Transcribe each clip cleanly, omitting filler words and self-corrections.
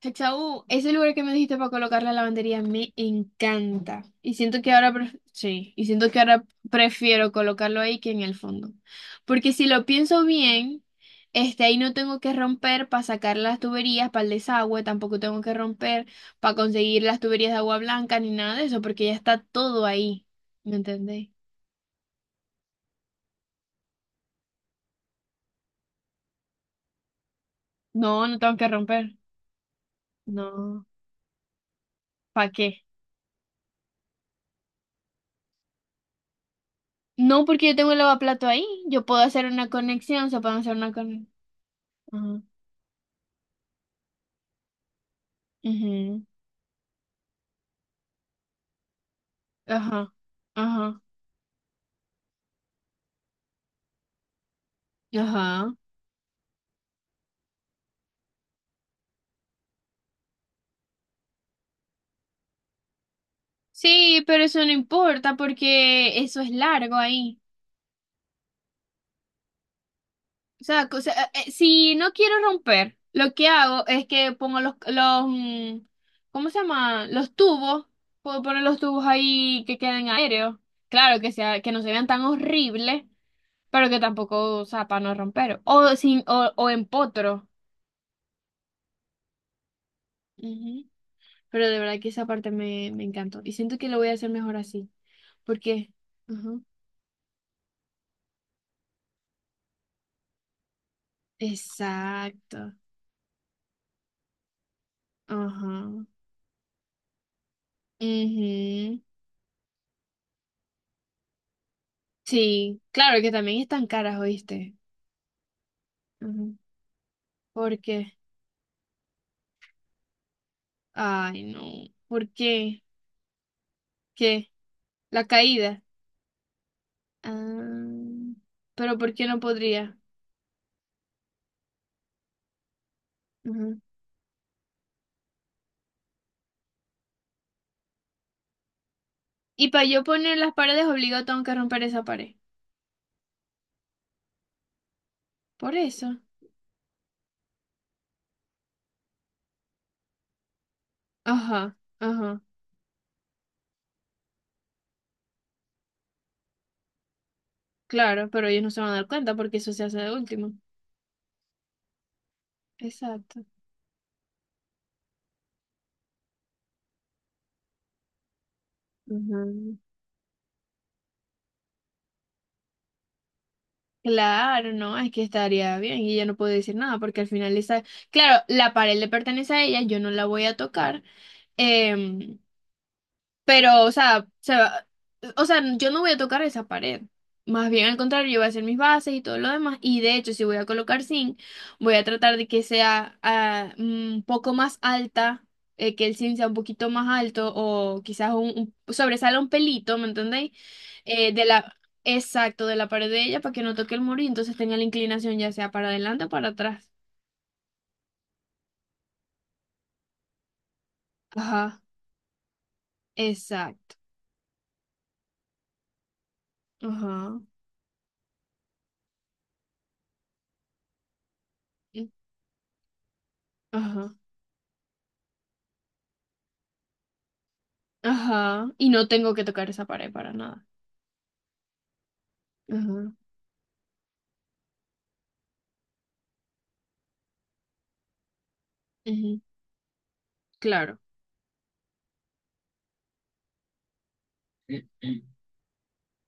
Hexaú, ese lugar que me dijiste para colocar la lavandería me encanta. Y siento que ahora, sí, y siento que ahora prefiero colocarlo ahí que en el fondo. Porque si lo pienso bien, ahí no tengo que romper para sacar las tuberías para el desagüe, tampoco tengo que romper para conseguir las tuberías de agua blanca ni nada de eso, porque ya está todo ahí. ¿Me entendéis? No, no tengo que romper. No. ¿Para qué? No, porque yo tengo el lavaplato ahí. Yo puedo hacer una conexión, se pueden hacer una conexión. Ujú, ajá, ajá, ajá. Sí, pero eso no importa porque eso es largo ahí. O sea, o sea, si no quiero romper, lo que hago es que pongo los, ¿cómo se llama? Los tubos. Puedo poner los tubos ahí que queden aéreos. Claro, que sea, que no se vean tan horribles, pero que tampoco, o sea, para no romper. O sin, o en potro. Ujú. Pero de verdad que esa parte me, me encantó. Y siento que lo voy a hacer mejor así. Porque. Ajá. Exacto. Ajá. Ujú. Sí, claro que también están caras, ¿oíste? Ujú. ¿Por qué? Ay, no. ¿Por qué? ¿Qué? La caída. Ah, pero ¿por qué no podría? Ujú. Y para yo poner las paredes obligado tengo que romper esa pared. Por eso. Ajá, ajá. Claro, pero ellos no se van a dar cuenta porque eso se hace de último. Exacto. Ujú. Claro, no, es que estaría bien y ella no puede decir nada porque al final esa, claro, la pared le pertenece a ella, yo no la voy a tocar, em, pero, o sea, o sea, yo no voy a tocar esa pared. Más bien al contrario, yo voy a hacer mis bases y todo lo demás. Y de hecho, si voy a colocar zinc, voy a tratar de que sea un poco más alta, que el zinc sea un poquito más alto o quizás sobresala un pelito, ¿me entendéis? Eh, de la, exacto, de la pared de ella para que no toque el muro y entonces tenga la inclinación ya sea para adelante o para atrás. Ajá, exacto. Ajá, ajá. Ajá. Y no tengo que tocar esa pared para nada. Ajá. Ujú, claro,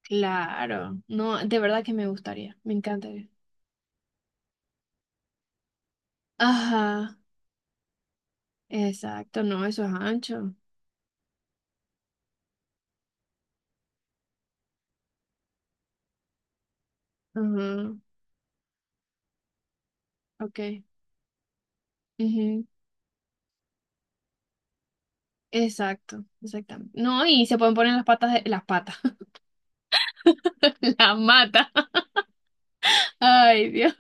claro. No, de verdad que me gustaría, me encantaría. Ajá, exacto, no, eso es ancho. Ajá, ok. Ujú, exacto, exactamente. No, y se pueden poner las patas de las patas, las matas. Ay, Dios.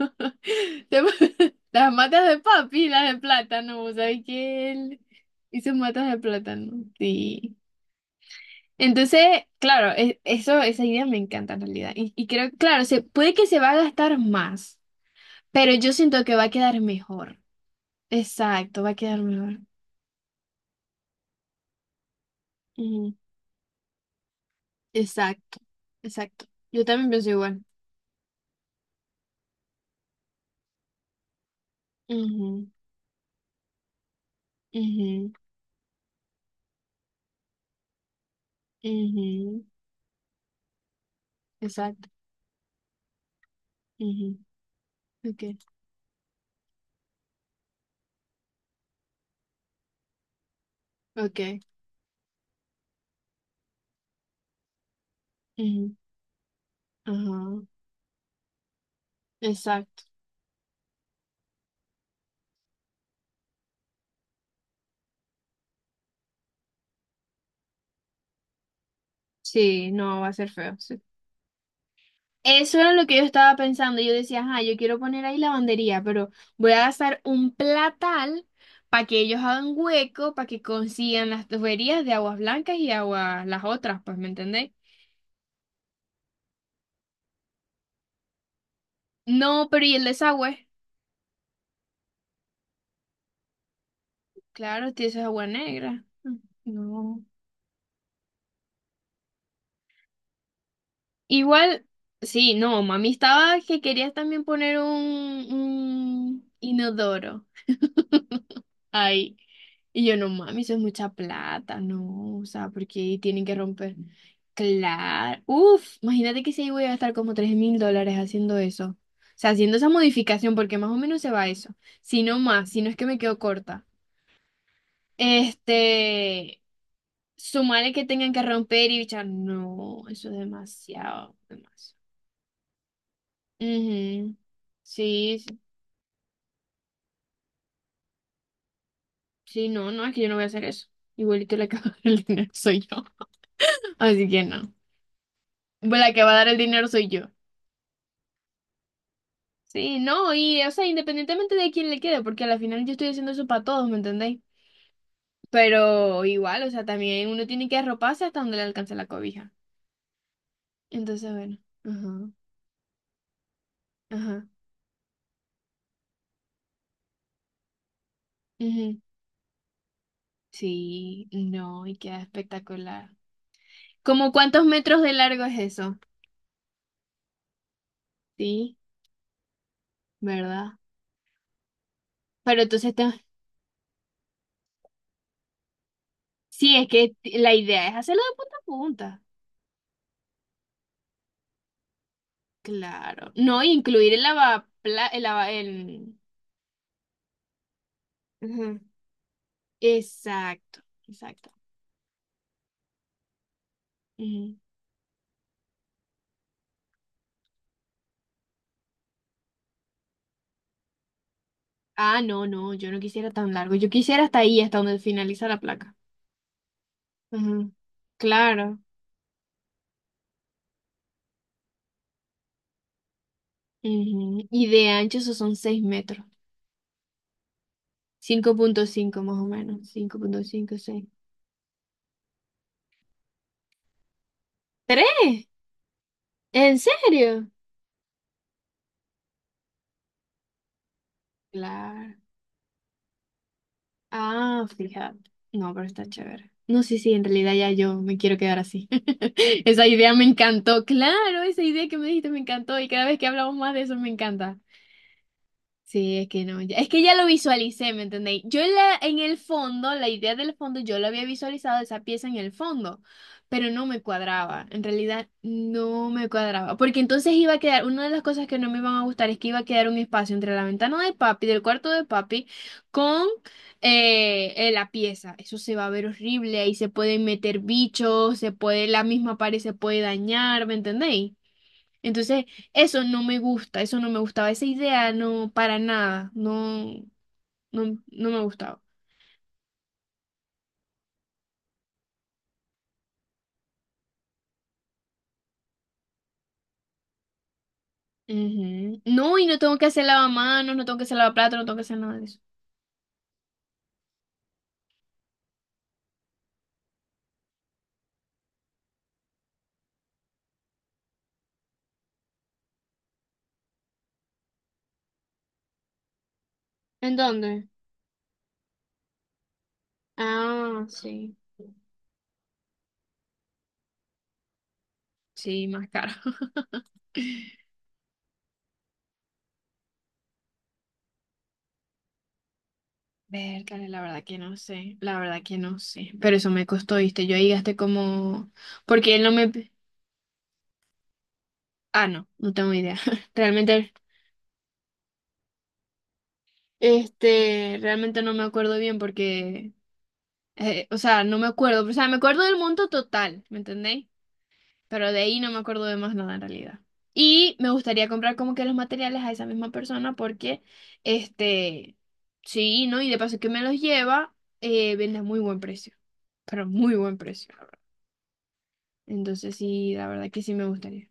Las matas de papi, las de plátano, ¿sabes qué? Él hizo matas de plátano. Sí. Entonces, claro, eso, esa idea me encanta en realidad. Y creo, claro, se, puede que se va a gastar más, pero yo siento que va a quedar mejor. Exacto, va a quedar mejor. Ujú, exacto, exacto. Yo también pienso igual. Ujú, ujú, ujú, exacto. Ujú, ok, ok. Ujú, ajá. Exacto. Sí, no, va a ser feo. Eso era lo que yo estaba pensando. Yo decía, ajá, yo quiero poner ahí lavandería, pero voy a gastar un platal para que ellos hagan hueco, para que consigan las tuberías de aguas blancas y aguas, las otras, pues, ¿me entendéis? No, pero ¿y el desagüe? Claro, tío, eso es agua negra. Mm, no. Igual, sí, no, mami estaba que querías también poner un inodoro ahí. Y yo, no mami, eso es mucha plata, no, o sea, porque tienen que romper. Claro, uff, imagínate que si ahí voy a gastar como $3.000 haciendo eso. O sea, haciendo esa modificación, porque más o menos se va eso. Si no más, si no es que me quedo corta. Este, sumarle que tengan que romper y bichar, no, eso es demasiado, demasiado. Ujú. Sí, sí, sí, no, no, es que yo no voy a hacer eso. Igualito la que va a dar el dinero soy yo. Así que no. Bueno, la que va a dar el dinero soy yo. Sí, no, y o sea, independientemente de quién le quede, porque al final yo estoy haciendo eso para todos, ¿me entendéis? Pero igual, o sea, también uno tiene que arroparse hasta donde le alcance la cobija. Entonces, bueno, ajá, ajá, ujú. Sí, no, y queda espectacular. ¿Como cuántos metros de largo es eso? Sí, ¿verdad? Pero entonces, sí, es que la idea es hacerlo de punta a punta. Claro. No, y incluir el lavapla, el lava, el... Ujú. Exacto, exacto. Ah, no, no, yo no quisiera tan largo. Yo quisiera hasta ahí, hasta donde finaliza la placa. Ujú, claro. Ujú, y de ancho eso son 6 metros. 5,5 más o menos. 5,56. ¿Tres? ¿En serio? Claro. Ah, fíjate. No, pero está chévere. No, sí, sí, en realidad ya yo me quiero quedar así. Esa idea me encantó. Claro, esa idea que me dijiste me encantó y cada vez que hablamos más de eso me encanta. Sí, es que no, es que ya lo visualicé, ¿me entendéis? Yo en la, en el fondo, la idea del fondo, yo lo había visualizado esa pieza en el fondo, pero no me cuadraba, en realidad no me cuadraba, porque entonces iba a quedar, una de las cosas que no me iban a gustar es que iba a quedar un espacio entre la ventana de papi, del cuarto de papi, con la pieza. Eso se va a ver horrible, ahí se pueden meter bichos, se puede, la misma pared se puede dañar, ¿me entendéis? Entonces, eso no me gusta, eso no me gustaba, esa idea no, para nada, no, no, no me gustaba. Ujú. No, y no tengo que hacer lavamanos, no tengo que hacer lavaplatos, no tengo que hacer nada de eso. ¿En dónde? Ah, sí. Sí, más caro. Vértale, la verdad que no sé, la verdad que no sé. Pero eso me costó, ¿viste? Yo ahí gasté como... Porque él no me... Ah, no, no tengo idea. Realmente, realmente no me acuerdo bien porque o sea, no me acuerdo, o sea, me acuerdo del monto total, ¿me entendéis? Pero de ahí no me acuerdo de más nada en realidad. Y me gustaría comprar como que los materiales a esa misma persona porque, este, sí, ¿no? Y de paso que me los lleva, vende a muy buen precio, pero muy buen precio, la verdad. Entonces sí, la verdad que sí me gustaría.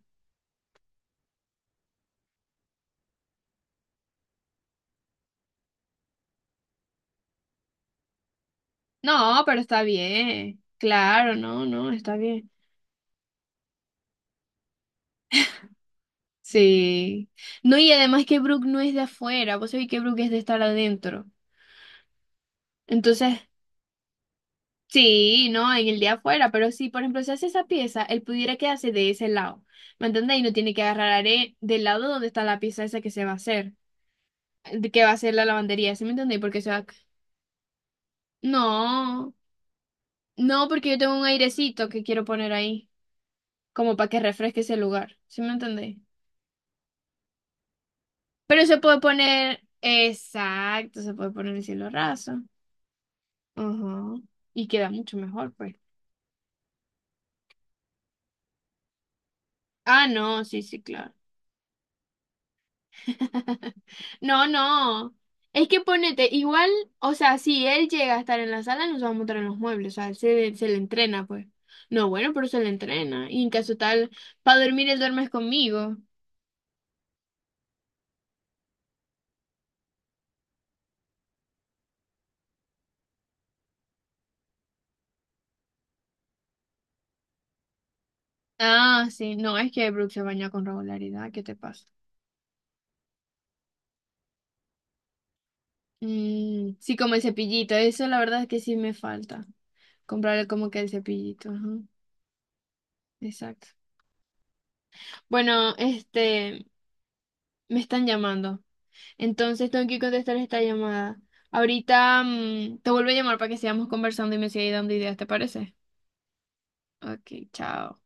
No, pero está bien, claro, no, no, está bien. Sí. No, y además que Brooke no es de afuera, vos sabés que Brooke es de estar adentro. Entonces, sí, no, en el día afuera, pero si, por ejemplo, se hace esa pieza, él pudiera quedarse de ese lado, ¿me entiendes? Y no tiene que agarrar del lado donde está la pieza esa que se va a hacer, de que va a hacer la lavandería, ¿sí me entendéis? Porque se va... No, no, porque yo tengo un airecito que quiero poner ahí, como para que refresque ese lugar, ¿sí me entendéis? Pero se puede poner, exacto, se puede poner el cielo raso, ajá, y queda mucho mejor, pues. Ah, no, sí, sí, claro. No, no. Es que ponete, igual, o sea, si él llega a estar en la sala, nos vamos a montar en los muebles, o sea, se le entrena, pues. No, bueno, pero se le entrena. Y en caso tal, para dormir, él duermes conmigo. Ah, sí, no, es que Brooke se baña con regularidad, ¿qué te pasa? Mm, sí, como el cepillito, eso la verdad es que sí me falta. Comprarle como que el cepillito, ajá, exacto. Bueno, me están llamando. Entonces tengo que contestar esta llamada. Ahorita te vuelvo a llamar para que sigamos conversando y me sigas dando ideas, ¿te parece? Ok, chao.